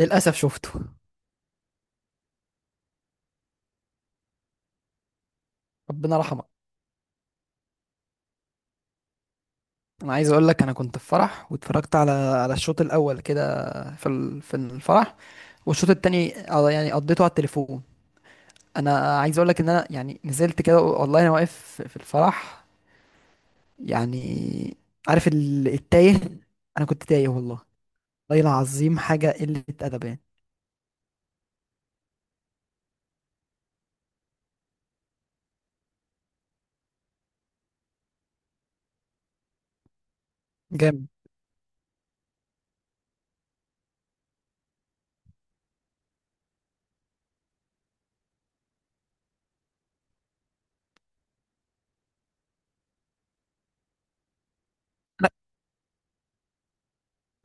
للأسف شفته. ربنا رحمه. أنا عايز أقول لك أنا كنت في فرح واتفرجت على الشوط الأول كده في الفرح. والشوط التاني يعني قضيته على التليفون. أنا عايز أقول لك إن أنا يعني نزلت كده، والله أنا واقف في الفرح، يعني. التايه. أنا كنت تايه والله. والله العظيم حاجة قلة أدب يعني. جامد. أنا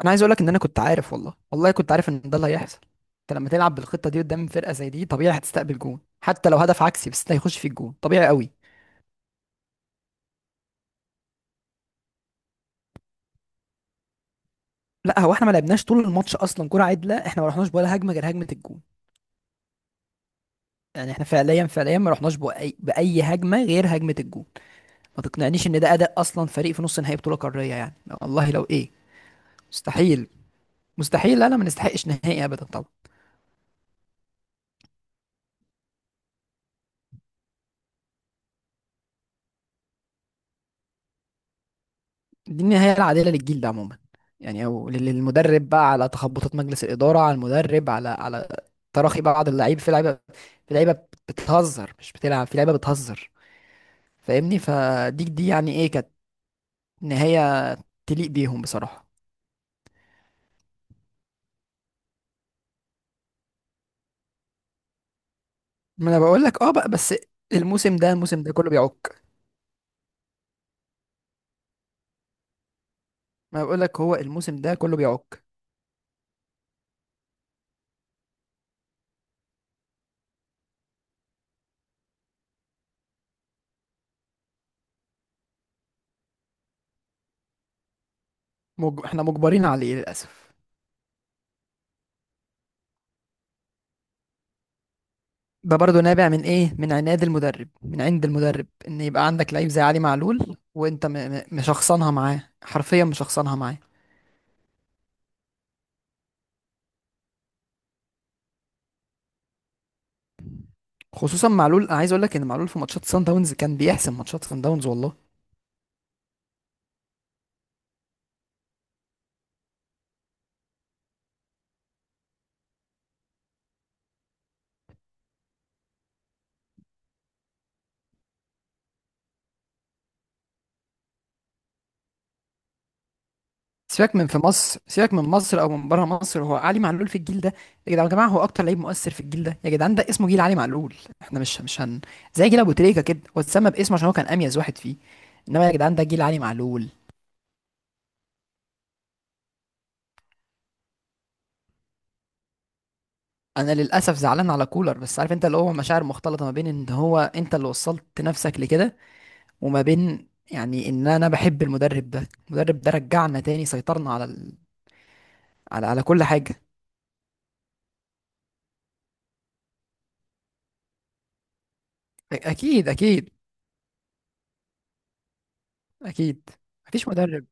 أنا عايز أقول لك إن أنا كنت عارف، والله والله كنت عارف إن ده اللي هيحصل. أنت لما تلعب بالخطة دي قدام فرقة زي دي، طبيعي هتستقبل جون. حتى لو هدف عكسي، بس ده هيخش في الجون طبيعي قوي. لا، هو احنا ما لعبناش طول الماتش اصلا كرة عدلة. احنا ما رحناش ولا هجمة غير هجمة الجون. يعني احنا فعليا فعليا ما رحناش بأي هجمة غير هجمة الجون. ما تقنعنيش ان ده اداء اصلا فريق في نص نهائي بطولة قارية يعني. والله لو ايه. مستحيل. مستحيل، لا لا، ما نستحقش نهائي ابدا طبعا. دي النهاية العادلة للجيل ده عموما. يعني للمدرب بقى، على تخبطات مجلس الإدارة، على المدرب، على تراخي بعض اللعيبة، في لعيبة، في لعيبة بتهزر مش بتلعب، في لعيبة بتهزر. فاهمني؟ فدي يعني ايه كانت نهاية تليق بيهم بصراحة. ما انا بقول لك، اه، بقى بس. الموسم ده كله بيعك. ما أنا بقول لك هو الموسم ده كله بيعك. احنا مجبرين عليه للاسف. ده برضو نابع من ايه؟ من عناد المدرب، من عند المدرب. ان يبقى عندك لعيب زي علي معلول وانت مشخصنها معاه، حرفيا مشخصنها معاه. خصوصا معلول، أنا عايز اقول لك ان معلول في ماتشات سان داونز كان بيحسم ماتشات سان داونز والله. سيبك من في مصر، سيبك من مصر او من بره مصر، هو علي معلول في الجيل ده. يا جدعان يا جماعه، هو اكتر لعيب مؤثر في الجيل ده. يا جدعان، ده اسمه جيل علي معلول. احنا مش هن زي جيل ابو تريكه كده. هو اتسمى باسمه عشان هو كان اميز واحد فيه. انما يا جدعان، ده جيل علي معلول. انا للاسف زعلان على كولر، بس عارف انت اللي هو مشاعر مختلطه، ما بين ان هو انت اللي وصلت نفسك لكده، وما بين يعني ان انا بحب المدرب ده رجعنا تاني، سيطرنا على كل حاجه. اكيد اكيد اكيد. مفيش مدرب.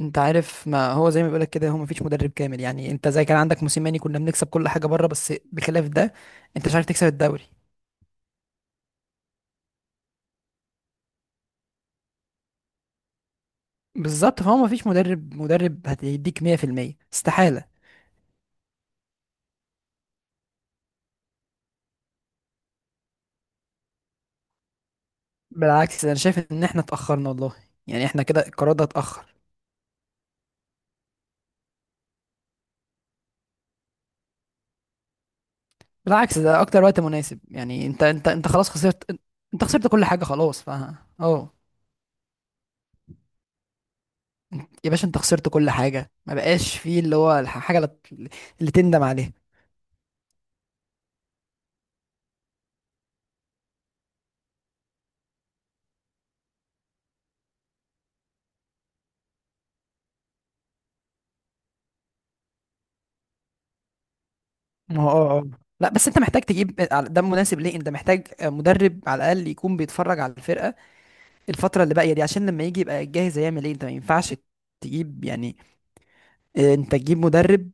انت عارف، ما هو زي ما بيقولك كده، هو مفيش مدرب كامل يعني. انت زي كان عندك موسيماني كنا بنكسب كل حاجه بره، بس بخلاف ده انت مش عارف تكسب الدوري. بالظبط، فهو مفيش مدرب هيديك 100% استحاله. بالعكس، انا شايف ان احنا اتاخرنا والله. يعني احنا كده القرار ده اتاخر. بالعكس، ده اكتر وقت مناسب. يعني انت خلاص خسرت. انت خسرت كل حاجه خلاص، ف، اه، يا باشا، انت خسرت كل حاجه. ما بقاش فيه اللي هو الحاجه اللي اللي تندم عليها. ما هو، اه اه، لا بس انت محتاج تجيب، ده مناسب ليه. انت محتاج مدرب على الاقل يكون بيتفرج على الفرقه الفتره اللي باقيه دي. عشان لما يجي يبقى جاهز. هيعمل ايه؟ انت ما ينفعش تجيب يعني، اه، انت تجيب مدرب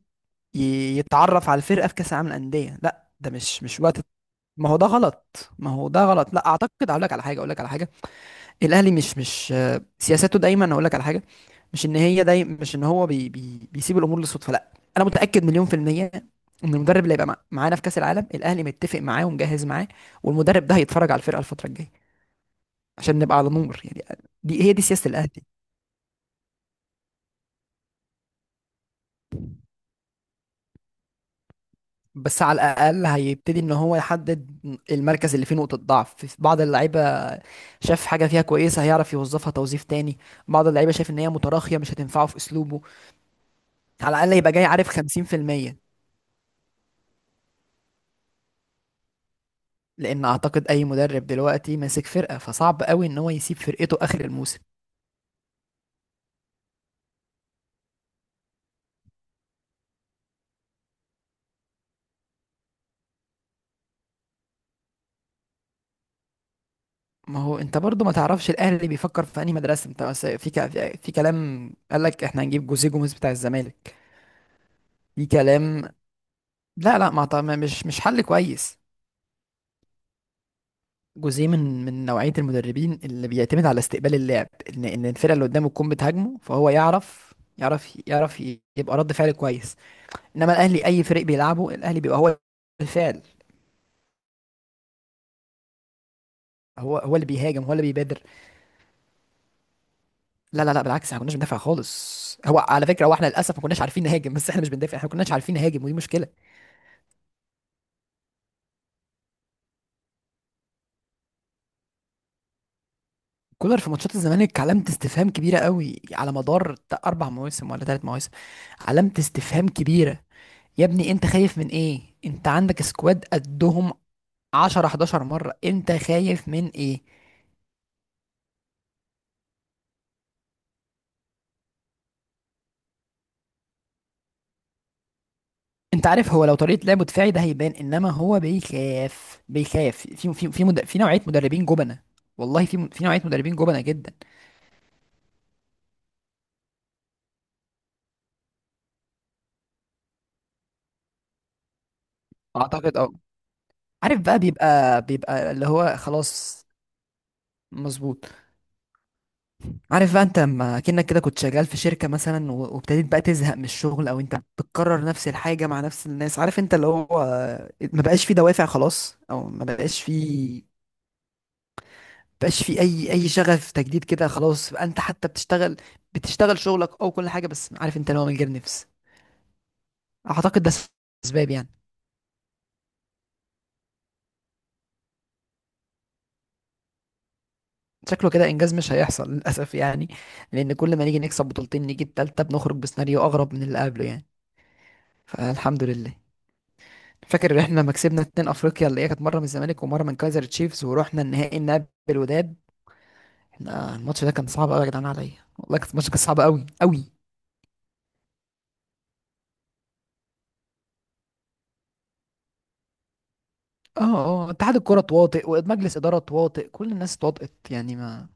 يتعرف على الفرقه في كاس العالم للانديه؟ لا، ده مش مش وقت. ما هو ده غلط، ما هو ده غلط. لا، اعتقد اقول لك على حاجه، اقول لك على حاجه. الاهلي مش سياساته دايما. اقول لك على حاجه: مش ان هي دايما، مش ان هو بي بي بيسيب الامور للصدفه، لا. انا متاكد مليون في الميه ان المدرب اللي هيبقى معانا في كاس العالم، الاهلي متفق معاه ومجهز معاه، والمدرب ده هيتفرج على الفرقه الفتره الجايه عشان نبقى على نور يعني. دي هي دي سياسه الاهلي. بس على الاقل هيبتدي ان هو يحدد المركز اللي فيه نقطه ضعف في بعض اللعيبه. شاف حاجه فيها كويسه هيعرف يوظفها توظيف تاني. بعض اللعيبه شايف ان هي متراخيه مش هتنفعه في اسلوبه. على الاقل يبقى جاي عارف 50%. لان اعتقد اي مدرب دلوقتي ماسك فرقه، فصعب قوي ان هو يسيب فرقته اخر الموسم. ما هو انت برضو ما تعرفش الاهلي بيفكر في انهي مدرسه. انت بس في كلام قال لك احنا هنجيب جوزيه جوميز بتاع الزمالك. في كلام. لا لا، ما أعت- ما- مش مش حل كويس. جوزيه من نوعيه المدربين اللي بيعتمد على استقبال اللعب. ان الفرقه اللي قدامه تكون بتهاجمه، فهو يعرف يبقى رد فعل كويس. انما الاهلي، اي فريق بيلعبه الاهلي بيبقى هو الفعل. هو هو اللي بيهاجم، هو اللي بيبادر. لا لا لا، بالعكس، احنا ما كناش بندافع خالص. هو على فكره، هو احنا للاسف ما كناش عارفين نهاجم. بس احنا مش بندافع، احنا ما كناش عارفين نهاجم، ودي مشكله. كولر في ماتشات الزمالك علامه استفهام كبيره قوي على مدار اربع مواسم ولا ثلاث مواسم. علامه استفهام كبيره. يا ابني انت خايف من ايه؟ انت عندك سكواد قدهم 10 11 مره. انت خايف من ايه؟ انت عارف، هو لو طريقه لعبه دفاعي ده هيبان، انما هو بيخاف. بيخاف في في نوعيه مدربين جبنه. والله في نوعيه مدربين جبنه جدا. اعتقد، اه، عارف بقى، بيبقى اللي هو خلاص. مظبوط. عارف بقى، انت لما كأنك كده كنت شغال في شركة مثلا، وابتديت بقى تزهق من الشغل، او انت بتكرر نفس الحاجة مع نفس الناس. عارف انت اللي هو ما بقاش في دوافع خلاص، او ما بقاش في، بقاش في اي شغف تجديد كده. خلاص بقى انت حتى بتشتغل، بتشتغل شغلك او كل حاجة، بس عارف انت اللي هو من غير نفس. اعتقد ده اسباب يعني. شكله كده انجاز مش هيحصل للاسف يعني. لان كل ما نيجي نكسب بطولتين، نيجي التالتة بنخرج بسيناريو اغرب من اللي قبله يعني. فالحمد لله. فاكر ان احنا لما كسبنا اتنين افريقيا، اللي هي كانت مره من الزمالك ومره من كايزر تشيفز، ورحنا النهائي نقابل الوداد. احنا الماتش ده كان صعب قوي يا جدعان عليا. والله كان الماتش، كان صعب قوي قوي. اتحاد الكوره تواطئ، ومجلس اداره تواطئ، كل الناس اتواطئت يعني. ما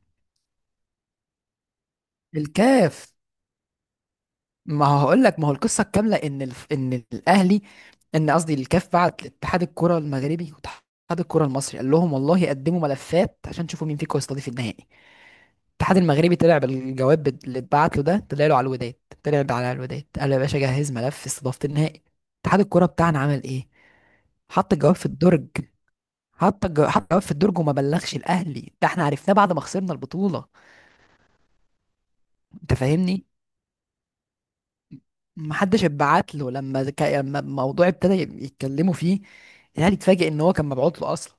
الكاف، ما هقول لك. ما هو القصه الكامله ان الاهلي، ان قصدي الكاف، بعت لاتحاد الكوره المغربي واتحاد الكوره المصري، قال لهم والله قدموا ملفات عشان تشوفوا مين فيكم هيستضيف النهائي. الاتحاد المغربي طلع بالجواب اللي اتبعت له ده، طلع له على الوداد، طلع له على الوداد. قال له يا باشا جهز ملف استضافة النهائي. اتحاد الكوره بتاعنا عمل ايه؟ حط الجواب في الدرج. حط الجواب في الدرج وما بلغش الاهلي. ده احنا عرفناه بعد ما خسرنا البطوله. انت فاهمني؟ ما حدش اتبعت له. لما لما الموضوع ابتدى يتكلموا فيه، الاهلي اتفاجئ ان هو كان مبعوت له اصلا.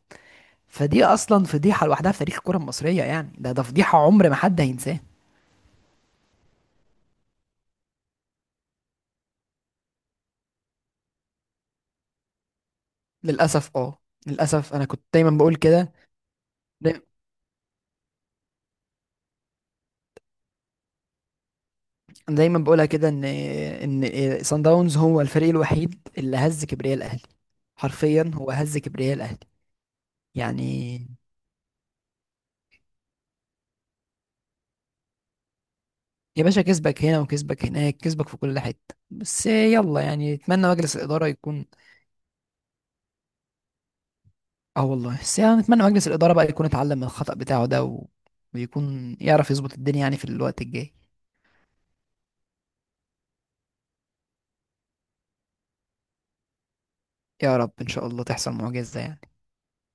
فدي اصلا فضيحه لوحدها في تاريخ الكره المصريه يعني. ده فضيحه عمر ما حد هينساه. للاسف، اه، للاسف. انا كنت دايما بقول كده، دايما بقولها كده، ان صن داونز هو الفريق الوحيد اللي هز كبرياء الاهلي. حرفيا هو هز كبرياء الاهلي يعني. يا باشا كسبك هنا وكسبك هناك، كسبك في كل حته. بس يلا، يعني نتمنى مجلس الاداره يكون، اه والله، بس يعني نتمنى مجلس الاداره بقى يكون اتعلم من الخطأ بتاعه ده، و... ويكون يعرف يظبط الدنيا يعني في الوقت الجاي. يا رب ان شاء الله تحصل معجزه يعني.